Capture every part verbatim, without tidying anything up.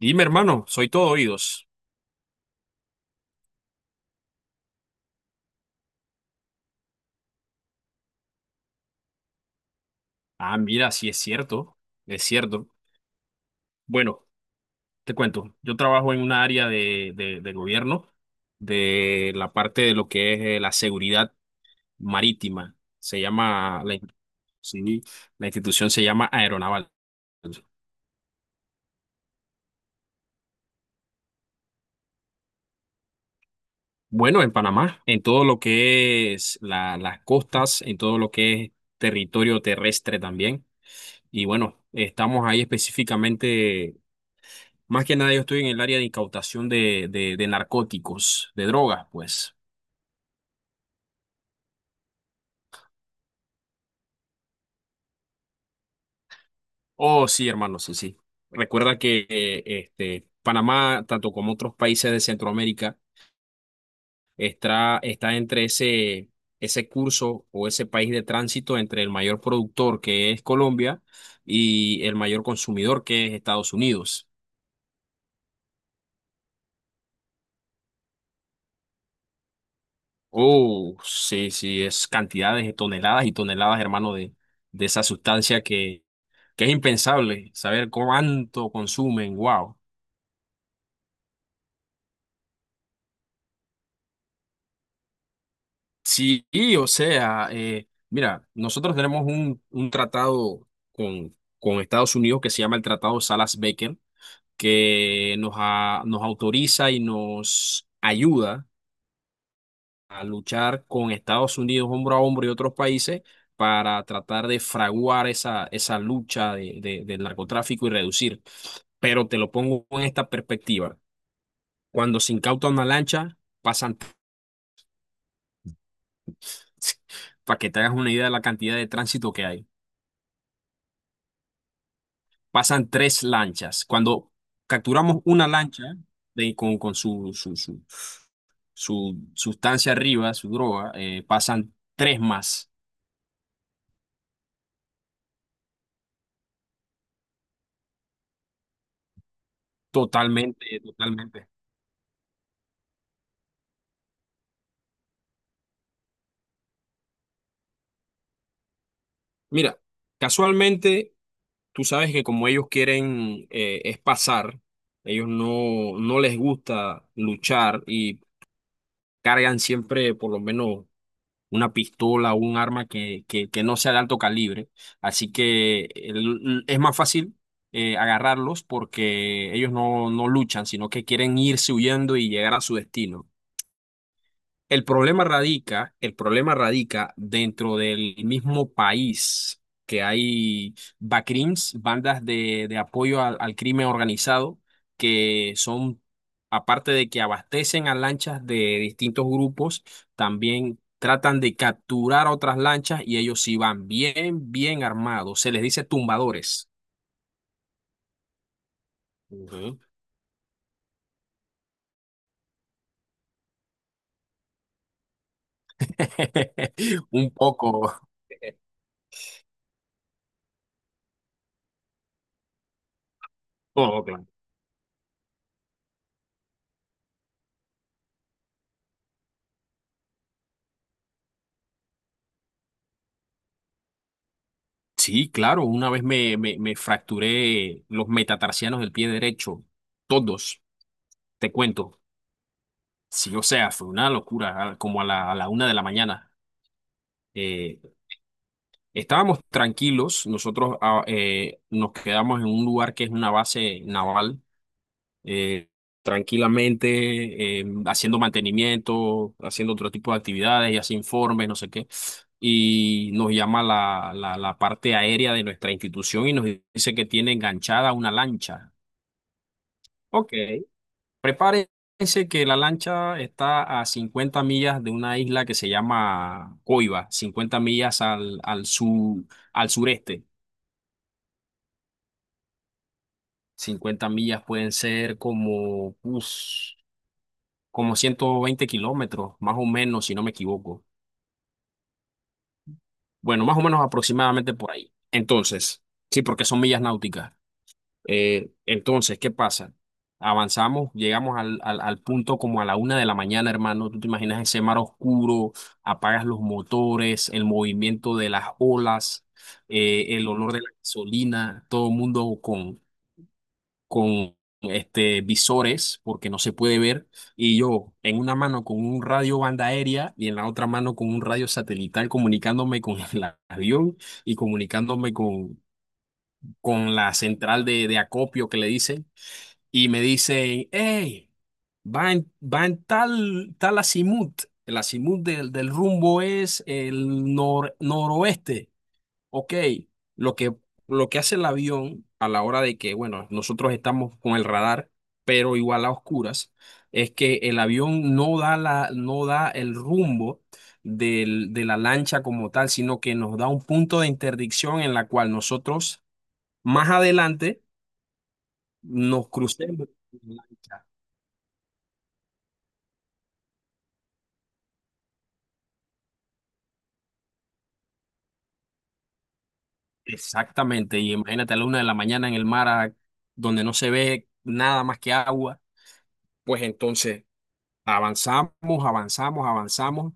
Dime, hermano, soy todo oídos. Ah, mira, sí es cierto, es cierto. Bueno, te cuento, yo trabajo en una área de, de, de gobierno, de la parte de lo que es eh, la seguridad marítima. Se llama, la, in- sí, la institución se llama Aeronaval. Bueno, en Panamá, en todo lo que es la- las costas, en todo lo que es territorio terrestre también. Y bueno, estamos ahí específicamente. Más que nada yo estoy en el área de incautación de, de, de narcóticos, de drogas, pues. Oh, sí, hermano, sí, sí. Recuerda que eh, este, Panamá, tanto como otros países de Centroamérica, está, está entre ese, ese curso o ese país de tránsito entre el mayor productor, que es Colombia, y el mayor consumidor, que es Estados Unidos. Oh, sí, sí, es cantidades de toneladas y toneladas, hermano, de, de esa sustancia que, que es impensable saber cuánto consumen. Wow. Sí, y, o sea, eh, mira, nosotros tenemos un, un tratado con, con Estados Unidos que se llama el Tratado Salas-Becker, que nos, a- nos autoriza y nos ayuda a luchar con Estados Unidos hombro a hombro y otros países para tratar de fraguar esa, esa lucha de- de- del narcotráfico y reducir. Pero te lo pongo en esta perspectiva. Cuando se incauta una lancha, pasan, para que te hagas una idea de la cantidad de tránsito que hay, pasan tres lanchas. Cuando capturamos una lancha de- con, con su, su, su, su sustancia arriba, su droga, eh, pasan tres más. Totalmente, totalmente. Mira, casualmente, tú sabes que como ellos quieren, eh, es pasar, ellos no, no les gusta luchar y cargan siempre por lo menos una pistola o un arma que, que, que no sea de alto calibre. Así que el- es más fácil, eh, agarrarlos porque ellos no, no luchan, sino que quieren irse huyendo y llegar a su destino. El problema radica, el problema radica dentro del mismo país, que hay bacrims, bandas de, de apoyo al, al crimen organizado, que son, aparte de que abastecen a lanchas de distintos grupos, también tratan de capturar otras lanchas y ellos sí van bien, bien armados. Se les dice tumbadores. Ujú. Un poco. Oh, claro. Sí, claro, una vez me, me, me fracturé los metatarsianos del pie derecho, todos, te cuento. Sí, o sea, fue una locura, a- como a la, a la una de la mañana. Eh, Estábamos tranquilos, nosotros ah, eh, nos quedamos en un lugar que es una base naval, eh, tranquilamente, eh, haciendo mantenimiento, haciendo otro tipo de actividades y hace informes, no sé qué. Y nos llama la, la, la parte aérea de nuestra institución y nos dice que tiene enganchada una lancha. Ok. Prepárense que la lancha está a cincuenta millas de una isla que se llama Coiba, cincuenta millas al, al, sur, al sureste. Cincuenta millas pueden ser como... uff, como ciento veinte kilómetros, más o menos, si no me equivoco. Bueno, más o menos aproximadamente por ahí. Entonces, sí, porque son millas náuticas. Eh, entonces, ¿qué pasa? Avanzamos, llegamos al, al, al punto como a la una de la mañana, hermano. Tú te imaginas ese mar oscuro, apagas los motores, el movimiento de las olas, eh, el olor de la gasolina, todo el mundo con, con este, visores porque no se puede ver, y yo en una mano con un radio banda aérea y en la otra mano con un radio satelital comunicándome con el avión y comunicándome con, con la central de, de acopio, que le dicen, y me dicen, hey, va en, va en tal, tal azimut. El azimut del, del rumbo es el nor, noroeste. Ok, lo que, lo que hace el avión a la hora de que, bueno, nosotros estamos con el radar, pero igual a oscuras, es que el avión no da la, no da el rumbo del- de la lancha como tal, sino que nos da un punto de interdicción en la cual nosotros más adelante nos crucemos con la lancha. Exactamente, y imagínate a la una de la mañana en el mar a- donde no se ve nada más que agua, pues entonces avanzamos, avanzamos, avanzamos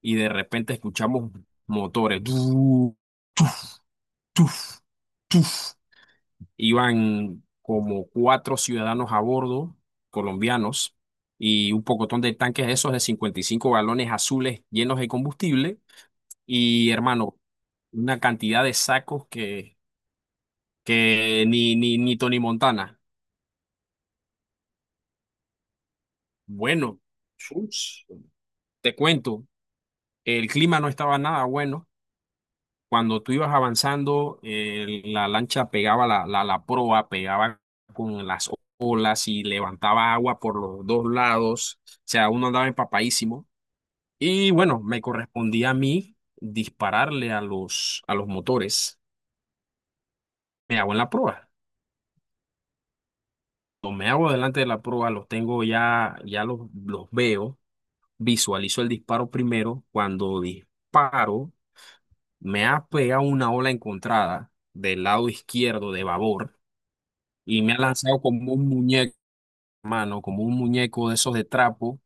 y de repente escuchamos motores. ¡Tuf! ¡Tuf! ¡Tuf! ¡Tuf! Iban como cuatro ciudadanos a bordo, colombianos, y un pocotón de tanques esos de cincuenta y cinco galones, azules, llenos de combustible. Y hermano, una cantidad de sacos que, que ni, ni, ni Tony Montana. Bueno, chus, te cuento, el clima no estaba nada bueno. Cuando tú ibas avanzando, eh, la lancha pegaba la, la, la proa, pegaba con las olas y levantaba agua por los dos lados. O sea, uno andaba empapadísimo. Y bueno, me correspondía a mí dispararle a los, a los motores. Me hago en la proa. Lo Me hago delante de la proa, los tengo ya, ya los, los veo. Visualizo el disparo primero. Cuando disparo, me ha pegado una ola encontrada del lado izquierdo de babor y me ha lanzado como un muñeco, mano, como un muñeco de esos de trapo.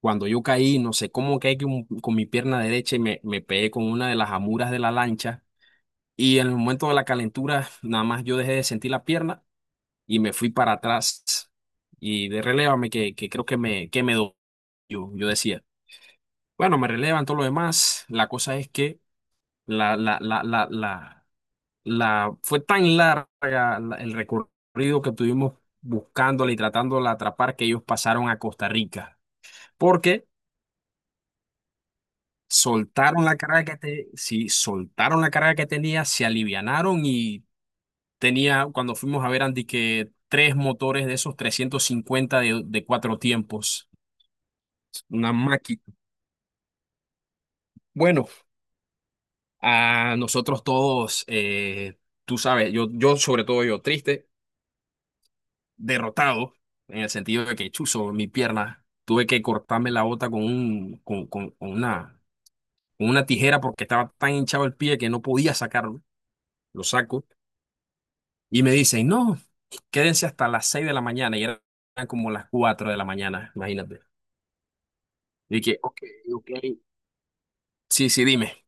Cuando yo caí, no sé cómo caí con, con mi pierna derecha y me, me pegué con una de las amuras de la lancha. Y en el momento de la calentura, nada más yo dejé de sentir la pierna y me fui para atrás. Y de relévame que, que creo que me, que me dolió. Yo, yo decía, bueno, me relevan todo lo demás. La cosa es que la, la, la, la, la, la, fue tan larga la- el recorrido que tuvimos buscándola y tratándola de atrapar, que ellos pasaron a Costa Rica. Porque soltaron la carga que te, sí, soltaron la carga que tenía, se alivianaron y tenía, cuando fuimos a ver Andy, que tres motores de esos trescientos cincuenta de, de cuatro tiempos, una máquina. Bueno, a nosotros todos, eh, tú sabes, yo, yo sobre todo yo, triste, derrotado, en el sentido de que chuzo mi pierna, tuve que cortarme la bota con, un, con, con- con una, con una tijera porque estaba tan hinchado el pie que no podía sacarlo, lo saco, y me dicen, no, quédense hasta las seis de la mañana, y eran como las cuatro de la mañana, imagínate. Y dije, ok, ok, sí, sí, dime.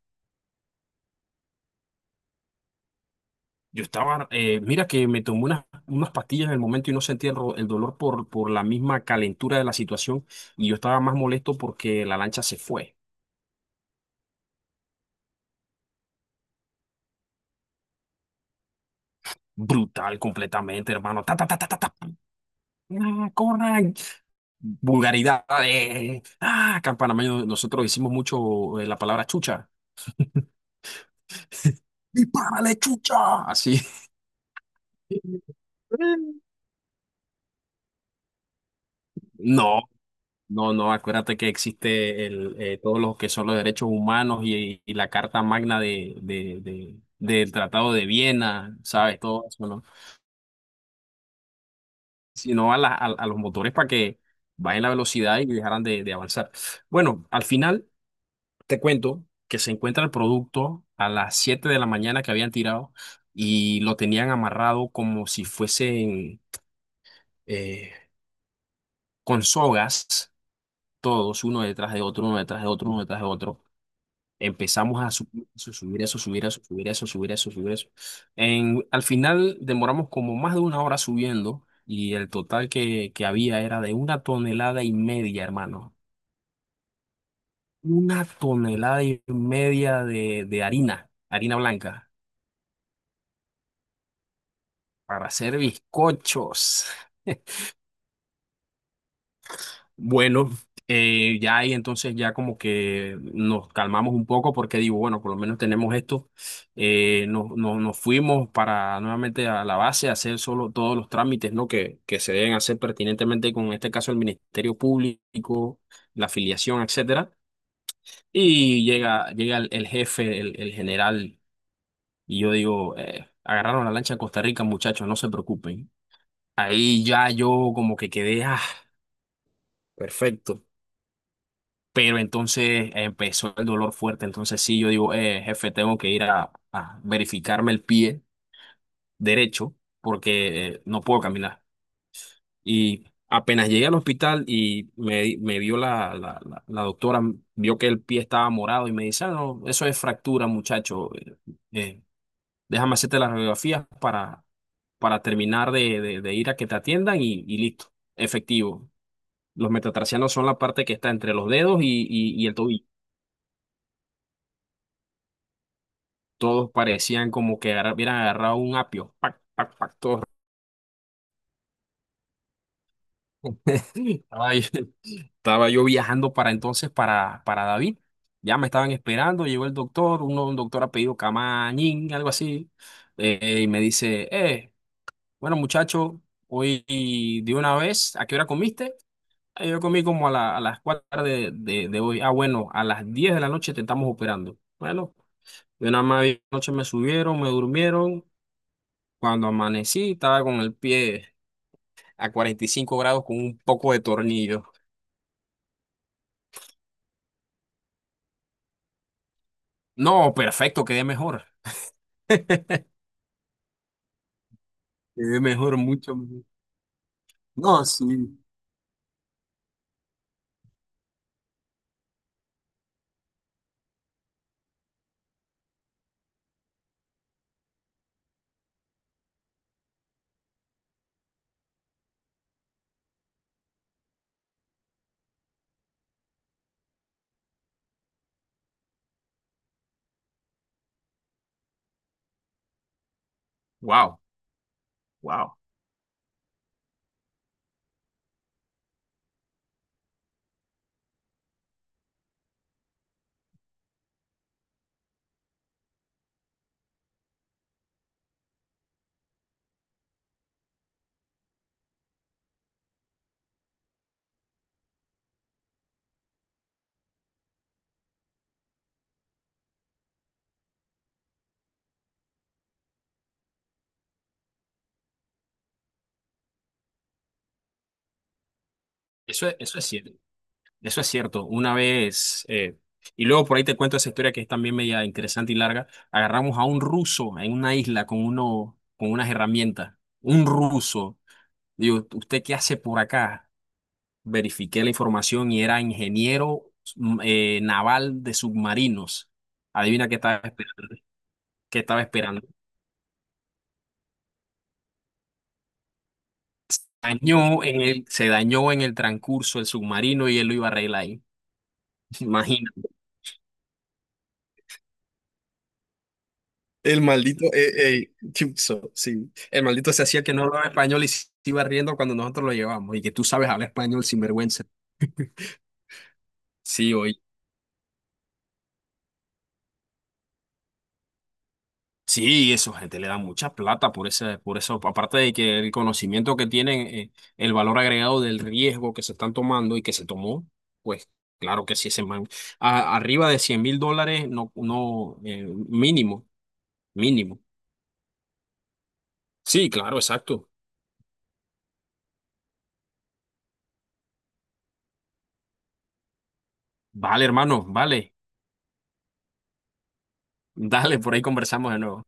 Yo estaba, eh, mira que me tomé unas, unas pastillas en el momento y no sentía el, ro- el dolor por, por la misma calentura de la situación, y yo estaba más molesto porque la lancha se fue. Brutal completamente, hermano. Ta, ta, ta, ta, ta, ta. Ah, corran. Vulgaridad. eh. Ah, acá en Panamá yo- nosotros hicimos mucho, eh, la palabra chucha. ¡Dispárale, chucha! Así. No, no, no. Acuérdate que existe el, eh, todos los que son los derechos humanos y, y la Carta Magna de, de- de- del Tratado de Viena, ¿sabes? Todo eso, ¿no? Sino a, la- a, a los motores para que bajen la velocidad y dejaran de de avanzar. Bueno, al final. Te cuento que se encuentra el producto a las siete de la mañana, que habían tirado, y lo tenían amarrado como si fuesen, eh, con sogas, todos, uno detrás de otro, uno detrás de otro, uno detrás de otro. Empezamos a subir eso, subir eso, subir eso, subir eso, subir eso, subir eso. En, al final demoramos como más de una hora subiendo, y el total que, que había era de una tonelada y media, hermano. Una tonelada y media de, de harina, harina blanca. Para hacer bizcochos. Bueno, eh, ya ahí entonces ya como que nos calmamos un poco porque digo, bueno, por lo menos tenemos esto. Eh, nos, nos- nos fuimos para nuevamente a la base a hacer solo todos los trámites, ¿no?, que, que se deben hacer pertinentemente con, en este caso, el Ministerio Público, la afiliación, etcétera. Y llega, llega el, el jefe, el, el general, y yo digo, eh, agarraron la lancha a Costa Rica, muchachos, no se preocupen. Ahí ya yo como que quedé, ah. Perfecto. Pero entonces empezó el dolor fuerte. Entonces sí, yo digo, eh, jefe, tengo que ir a, a verificarme el pie derecho porque eh, no puedo caminar. Y apenas llegué al hospital y me, me vio la, la, la- la doctora, vio que el pie estaba morado y me dice, "Ah, no, eso es fractura, muchacho. Eh, eh, déjame hacerte las radiografías para, para terminar de, de- de ir a que te atiendan y, y listo. Efectivo. Los metatarsianos son la parte que está entre los dedos y, y y el tobillo. Todos parecían como que agarra- hubieran agarrado un apio. Pac, pac, pac, todos. Estaba, yo estaba yo viajando para entonces para, para David. Ya me estaban esperando, llegó el doctor, uno, un doctor apellido Camañín, algo así, eh, y me dice, eh, bueno, muchacho, hoy de una vez, ¿a qué hora comiste? Ah, yo comí como a, la- a las cuatro de, de, de hoy. Ah, bueno, a las diez de la noche te estamos operando. Bueno, de una más, noche me subieron, me durmieron. Cuando amanecí, estaba con el pie a cuarenta y cinco grados con un poco de tornillo. No, perfecto, quedé mejor. Quedé mejor, mucho mejor. No, sí. Wow, wow. Eso es, eso es cierto. Eso es cierto. Una vez, eh, y luego por ahí te cuento esa historia, que es también media interesante y larga. Agarramos a un ruso en una isla con uno, con unas herramientas. Un ruso. Digo, ¿usted qué hace por acá? Verifiqué la información y era ingeniero mm, eh, naval de submarinos. Adivina qué estaba esperando. ¿Qué estaba esperando? Dañó en el, se dañó en el transcurso el submarino y él lo iba a arreglar ahí. Imagínate. El maldito, eh, eh, Chipso, sí. El maldito se hacía que no hablaba español y se iba riendo cuando nosotros lo llevamos. Y que tú sabes hablar español sin vergüenza. Sí, oye. Sí, eso, gente le da mucha plata por ese, por eso, aparte de que el conocimiento que tienen, eh, el valor agregado del riesgo que se están tomando y que se tomó, pues claro que sí, ese man, a- arriba de cien mil dólares, no, no, eh, mínimo, mínimo. Sí, claro, exacto. Vale, hermano, vale. Dale, por ahí conversamos de nuevo.